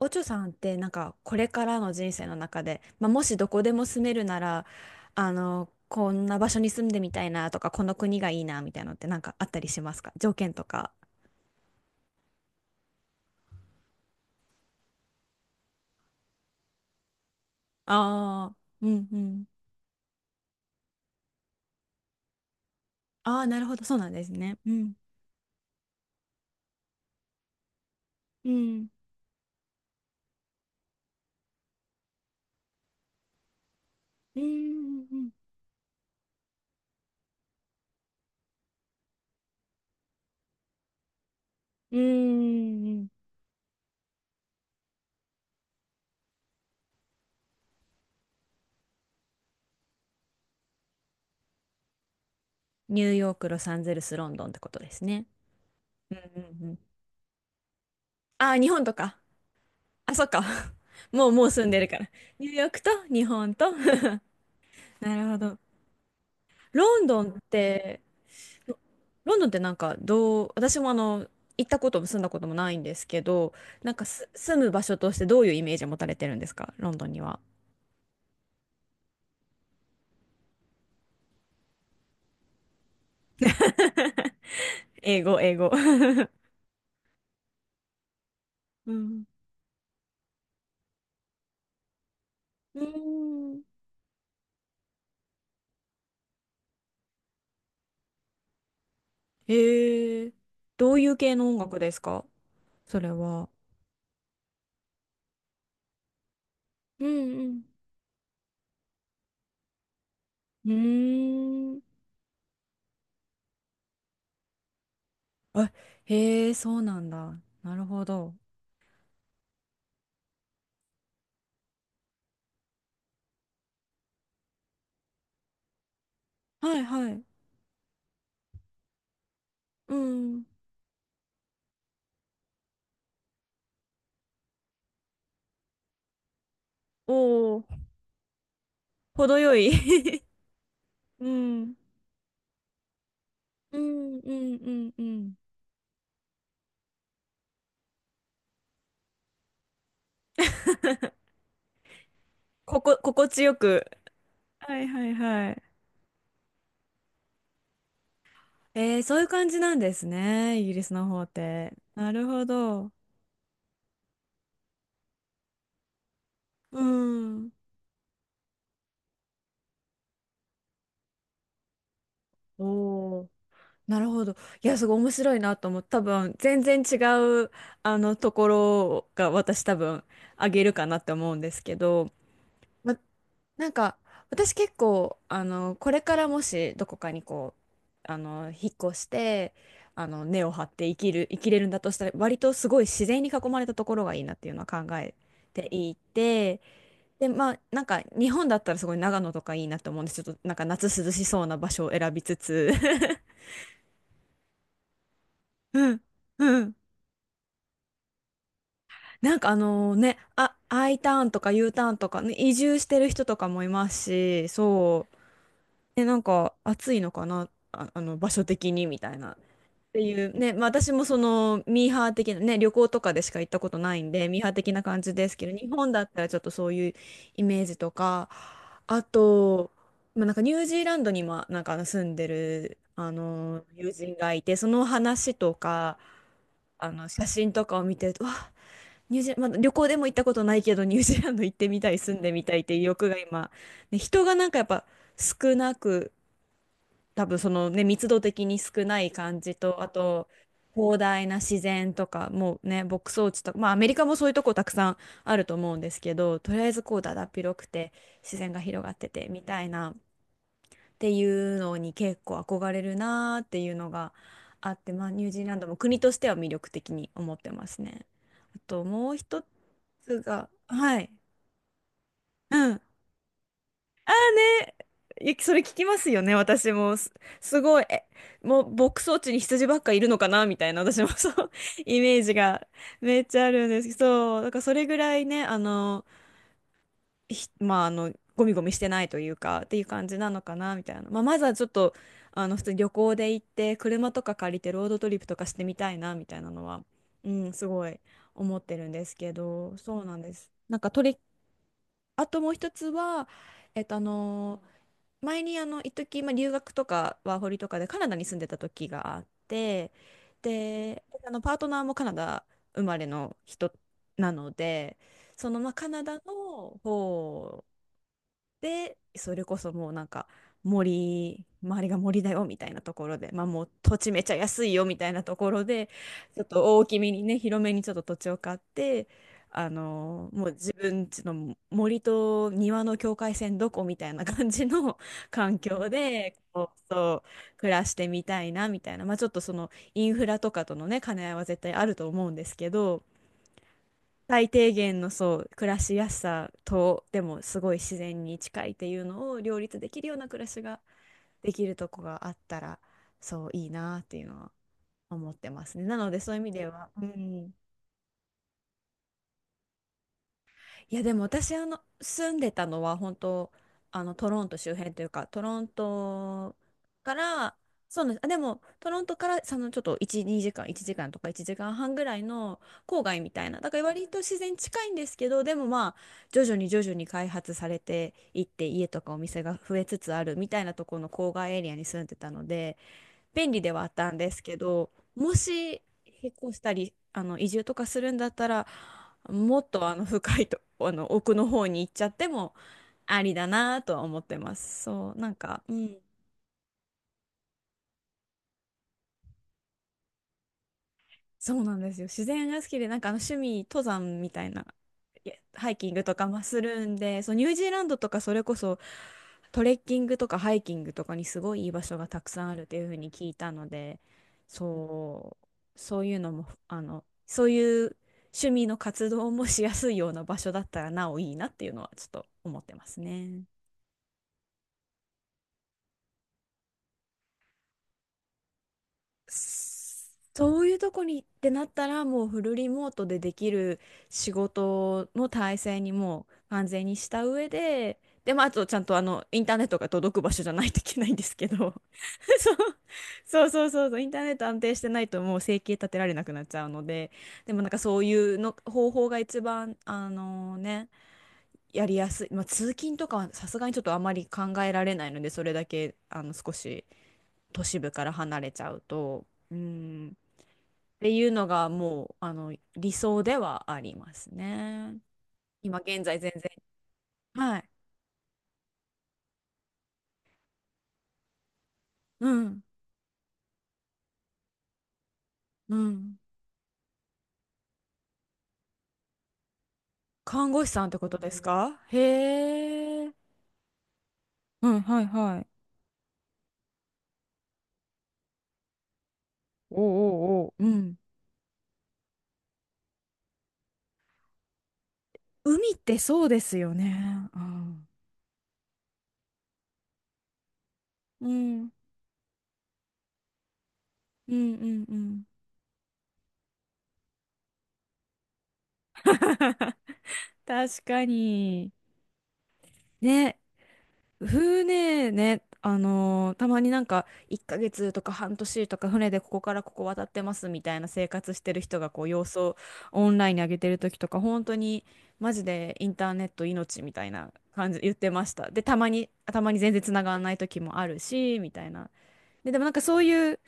おちょさんってなんかこれからの人生の中で、まあ、もしどこでも住めるなら、あのこんな場所に住んでみたいなとか、この国がいいなみたいなのってなんかあったりしますか？条件とか。ああ、うんうん。ああ、なるほど、そうなんですね。うん。うん。うんうんうんうん。うんうん。ニューヨーク、ロサンゼルス、ロンドンってことですね。うんうんうん。ああ、日本とか。あ、そっか。もう住んでるから。ニューヨークと日本と。なるほど。ロンドンってロロンドンってなんかどう、私もあの、行ったことも住んだこともないんですけど、なんか住む場所としてどういうイメージを持たれてるんですか、ロンドンには？英語、英語。うん。うーん。へえ。どういう系の音楽ですか、それは？うんうん。うーん。あ、へえ、そうなんだ。なるほど。はいはい。うん。おお、程よい。 うん。うんうんうんうん。ここ、心地よく。はいはいはい。えー、そういう感じなんですね、イギリスの方って。なるほど。うん。おお。なるほど。いや、すごい面白いなと思って。多分、全然違う、あの、ところが私多分あげるかなって思うんですけど、まなんか私結構あのこれからもしどこかにこうあの引っ越してあの根を張って生きれるんだとしたら、割とすごい自然に囲まれたところがいいなっていうのは考えていて、でまあ、なんか日本だったらすごい長野とかいいなと思うんです。ちょっとなんか夏涼しそうな場所を選びつつ。 うんうん。なんかあのね、あ、 I ターンとか U ターンとか、ね、移住してる人とかもいますしそうで、なんか暑いのかな、あ、あの場所的にみたいな。っていうね、まあ、私もそのミーハー的な、ね、旅行とかでしか行ったことないんで、ミーハー的な感じですけど、日本だったらちょっとそういうイメージとか、あと、まあ、なんかニュージーランドにもなんかあの住んでるあの友人がいて、その話とか、あの写真とかを見てると、わあ、ニュージー、まあ、旅行でも行ったことないけど、ニュージーランド行ってみたい、住んでみたいっていう欲が今、ね、人がなんかやっぱ少なく、多分そのね、密度的に少ない感じと、あと、広大な自然とか、もうね、牧草地とか、まあアメリカもそういうとこたくさんあると思うんですけど、とりあえずこうだだっ広くて、自然が広がってて、みたいな、っていうのに結構憧れるなーっていうのがあって、まあニュージーランドも国としては魅力的に思ってますね。あともう一つが、はい。うん。 いや、それ聞きますよね、私も。すごい、え、もう牧草地に羊ばっかいるのかなみたいな、私もそう、イメージがめっちゃあるんですけど、そう、だからそれぐらいね、あの、まあ、あの、ゴミゴミしてないというか、っていう感じなのかなみたいな。まあ、まずはちょっと、あの、普通に旅行で行って、車とか借りてロードトリップとかしてみたいな、みたいなのは、うん、すごい思ってるんですけど、そうなんです。なんか、鳥、あともう一つは、あの、前にあの一時、まあ、留学とかワーホリとかでカナダに住んでた時があって、であのパートナーもカナダ生まれの人なので、そのまあカナダの方で、それこそもうなんか森、周りが森だよみたいなところで、まあもう土地めちゃ安いよみたいなところで、ちょっと大きめにね、広めにちょっと土地を買って、もう自分ちの森と庭の境界線どこみたいな感じの 環境で、こう、そう、暮らしてみたいなみたいな、まあちょっとそのインフラとかとのね、兼ね合いは絶対あると思うんですけど、最低限のそう暮らしやすさとでもすごい自然に近いっていうのを両立できるような暮らしができるとこがあったら、そういいなっていうのは思ってますね。なのでそういう意味では、うん、いやでも私あの住んでたのは本当あのトロント周辺というかトロントから、そうなんです。あでもトロントからそのちょっと1、2時間、1時間とか1時間半ぐらいの郊外みたいな、だから割と自然近いんですけど、でもまあ徐々に徐々に開発されていって家とかお店が増えつつあるみたいなところの郊外エリアに住んでたので便利ではあったんですけど、もし引っ越したり、あの移住とかするんだったら、もっとあの深いと、あの奥の方に行っちゃってもありだなとは思ってます。そう、なんか、うん、そうなんですよ。自然が好きで、なんかあの趣味、登山みたいな、いやハイキングとかもするんで、そう、ニュージーランドとかそれこそトレッキングとかハイキングとかにすごいいい場所がたくさんあるというふうに聞いたので、そう、そういうのも、あの、そういう趣味の活動もしやすいような場所だったらなおいいなっていうのはちょっと思ってますね。そういうとこにってなったらもうフルリモートでできる仕事の体制にもう完全にした上で、でも、あ、あとちゃんとあのインターネットが届く場所じゃないといけないんですけど。 そう、そうそうそうそうインターネット安定してないともう生計立てられなくなっちゃうので、でもなんかそういうの方法が一番あのねやりやすい。まあ、通勤とかはさすがにちょっとあまり考えられないので、それだけあの少し、都市部から離れちゃうと、うん、っていうのがもうあの理想ではありますね。今現在全然。はい。うん。うん。看護師さんってことですか？へえ。うん、はいはい。おうおうおう。うん。海ってそうですよね。うん。うん。うんうんうん。確かに。ね、船ね、たまになんか1ヶ月とか半年とか船でここからここ渡ってますみたいな生活してる人がこう様子をオンラインに上げてる時とか、本当にマジでインターネット命みたいな感じ言ってました。で、たまに、たまに全然繋がらない時もあるし、みたいな。でもなんかそういう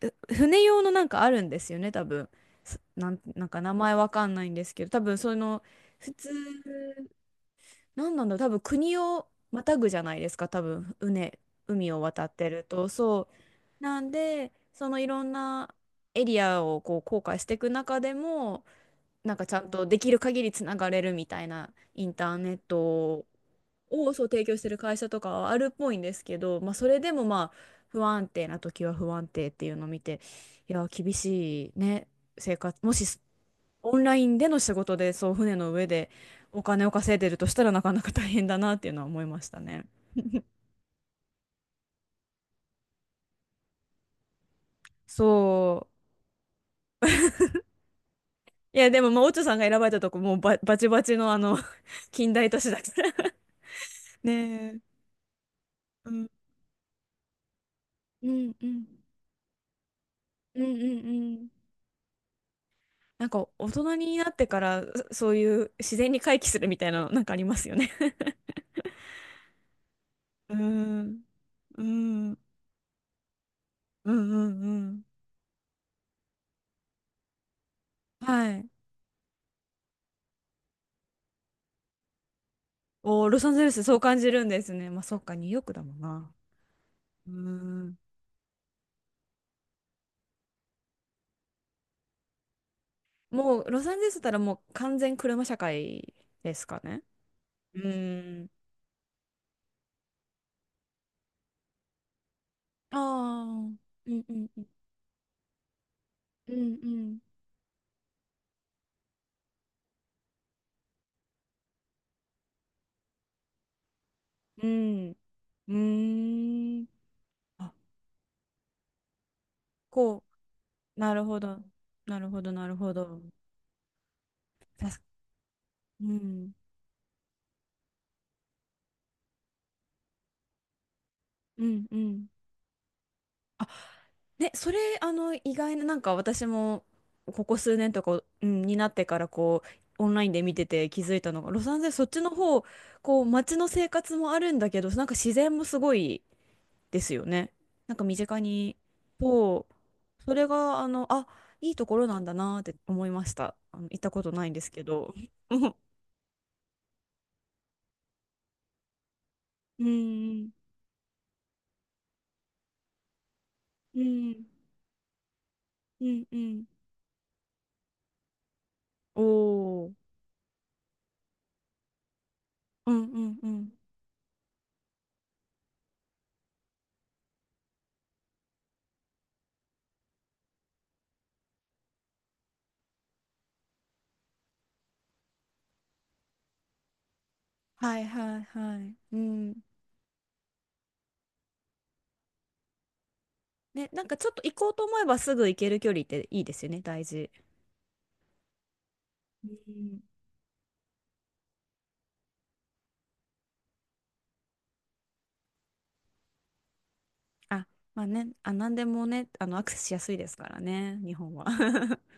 船用のなんかあるんですよね、多分。すなん、なんか名前わかんないんですけど、多分その普通、なんなんだ、多分国をまたぐじゃないですか、多分、うね、海を渡ってると。そう。なんで、そのいろんなエリアをこう航海していく中でも、なんかちゃんとできる限りつながれるみたいなインターネットをそう提供してる会社とかはあるっぽいんですけど、まあ、それでもまあ不安定な時は不安定っていうのを見て、いや、厳しいね、生活、もしオンラインでの仕事で、そう、船の上でお金を稼いでるとしたらなかなか大変だなっていうのは思いましたね。そう。いや、でも、まあ、オチョさんが選ばれたとこ、もうバチバチのあの 近代都市だから ねえ。うん。うんうん。うんうんうん。なんか、大人になってから、そういう自然に回帰するみたいなの、なんかありますよね。 うん。うん。うんうんうん。はい。おー、ロサンゼルスそう感じるんですね。まあ、そっか、ニューヨークだもんな。うん。もうロサンゼルスだったらもう完全車社会ですかね。うーん。ああ、うんうんうんうんうん。うん。うーん。あ、こう、なるほど。なるほど、なるほど。たすうん。うんうん。あ、ね、それ、あの、意外な、なんか私も、ここ数年とか、うん、になってから、こう、オンラインで見てて気づいたのが、ロサンゼルス、そっちの方、こう、街の生活もあるんだけど、なんか自然もすごい、ですよね。なんか身近に、そう、それが、あの、あ、いいところなんだなって思いました。あの、行ったことないんですけど。うん、うん、うん、うん。おー、うん、うん、うん。はいはいはい。うん。ね、なんかちょっと行こうと思えばすぐ行ける距離っていいですよね、大事。うん。あ、まあね、あ、なんでもね、あの、アクセスしやすいですからね、日本は。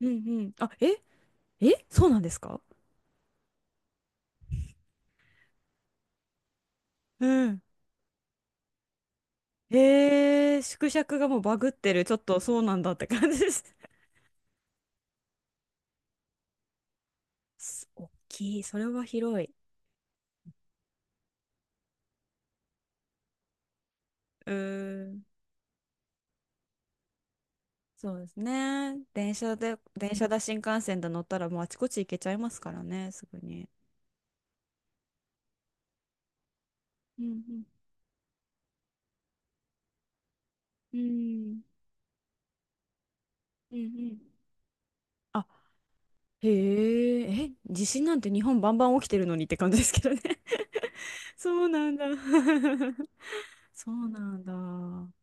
うんうん。あ、ええそうなんですか。うん。へえ、縮尺がもうバグってる。ちょっとそうなんだって感じです。す大きい。それは広い。うーん。そうですね。電車で、電車だ、新幹線で乗ったらもうあちこち行けちゃいますからね、すぐに。うんうん。うんうんうん。あ、へえ、え、地震なんて日本バンバン起きてるのにって感じですけどね。そうなんだ。そうなんだ。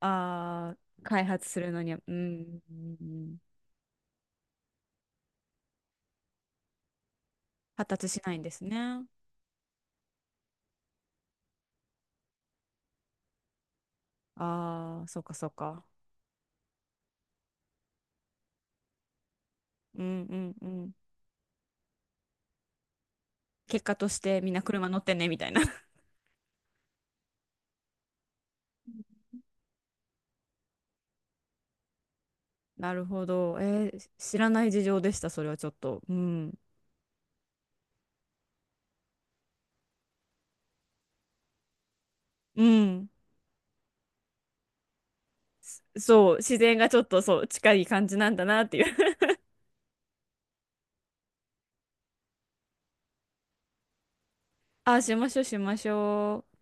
ああ、開発するのには、うん、うんうん。発達しないんですね。ああ、そうかそうか。うんうんうん。結果としてみんな車乗ってねみたいな。なるほど。えー知らない事情でした、それはちょっと。うん。うん。そう、自然がちょっとそう、近い感じなんだなっていう。ああ、しましょうしましょう。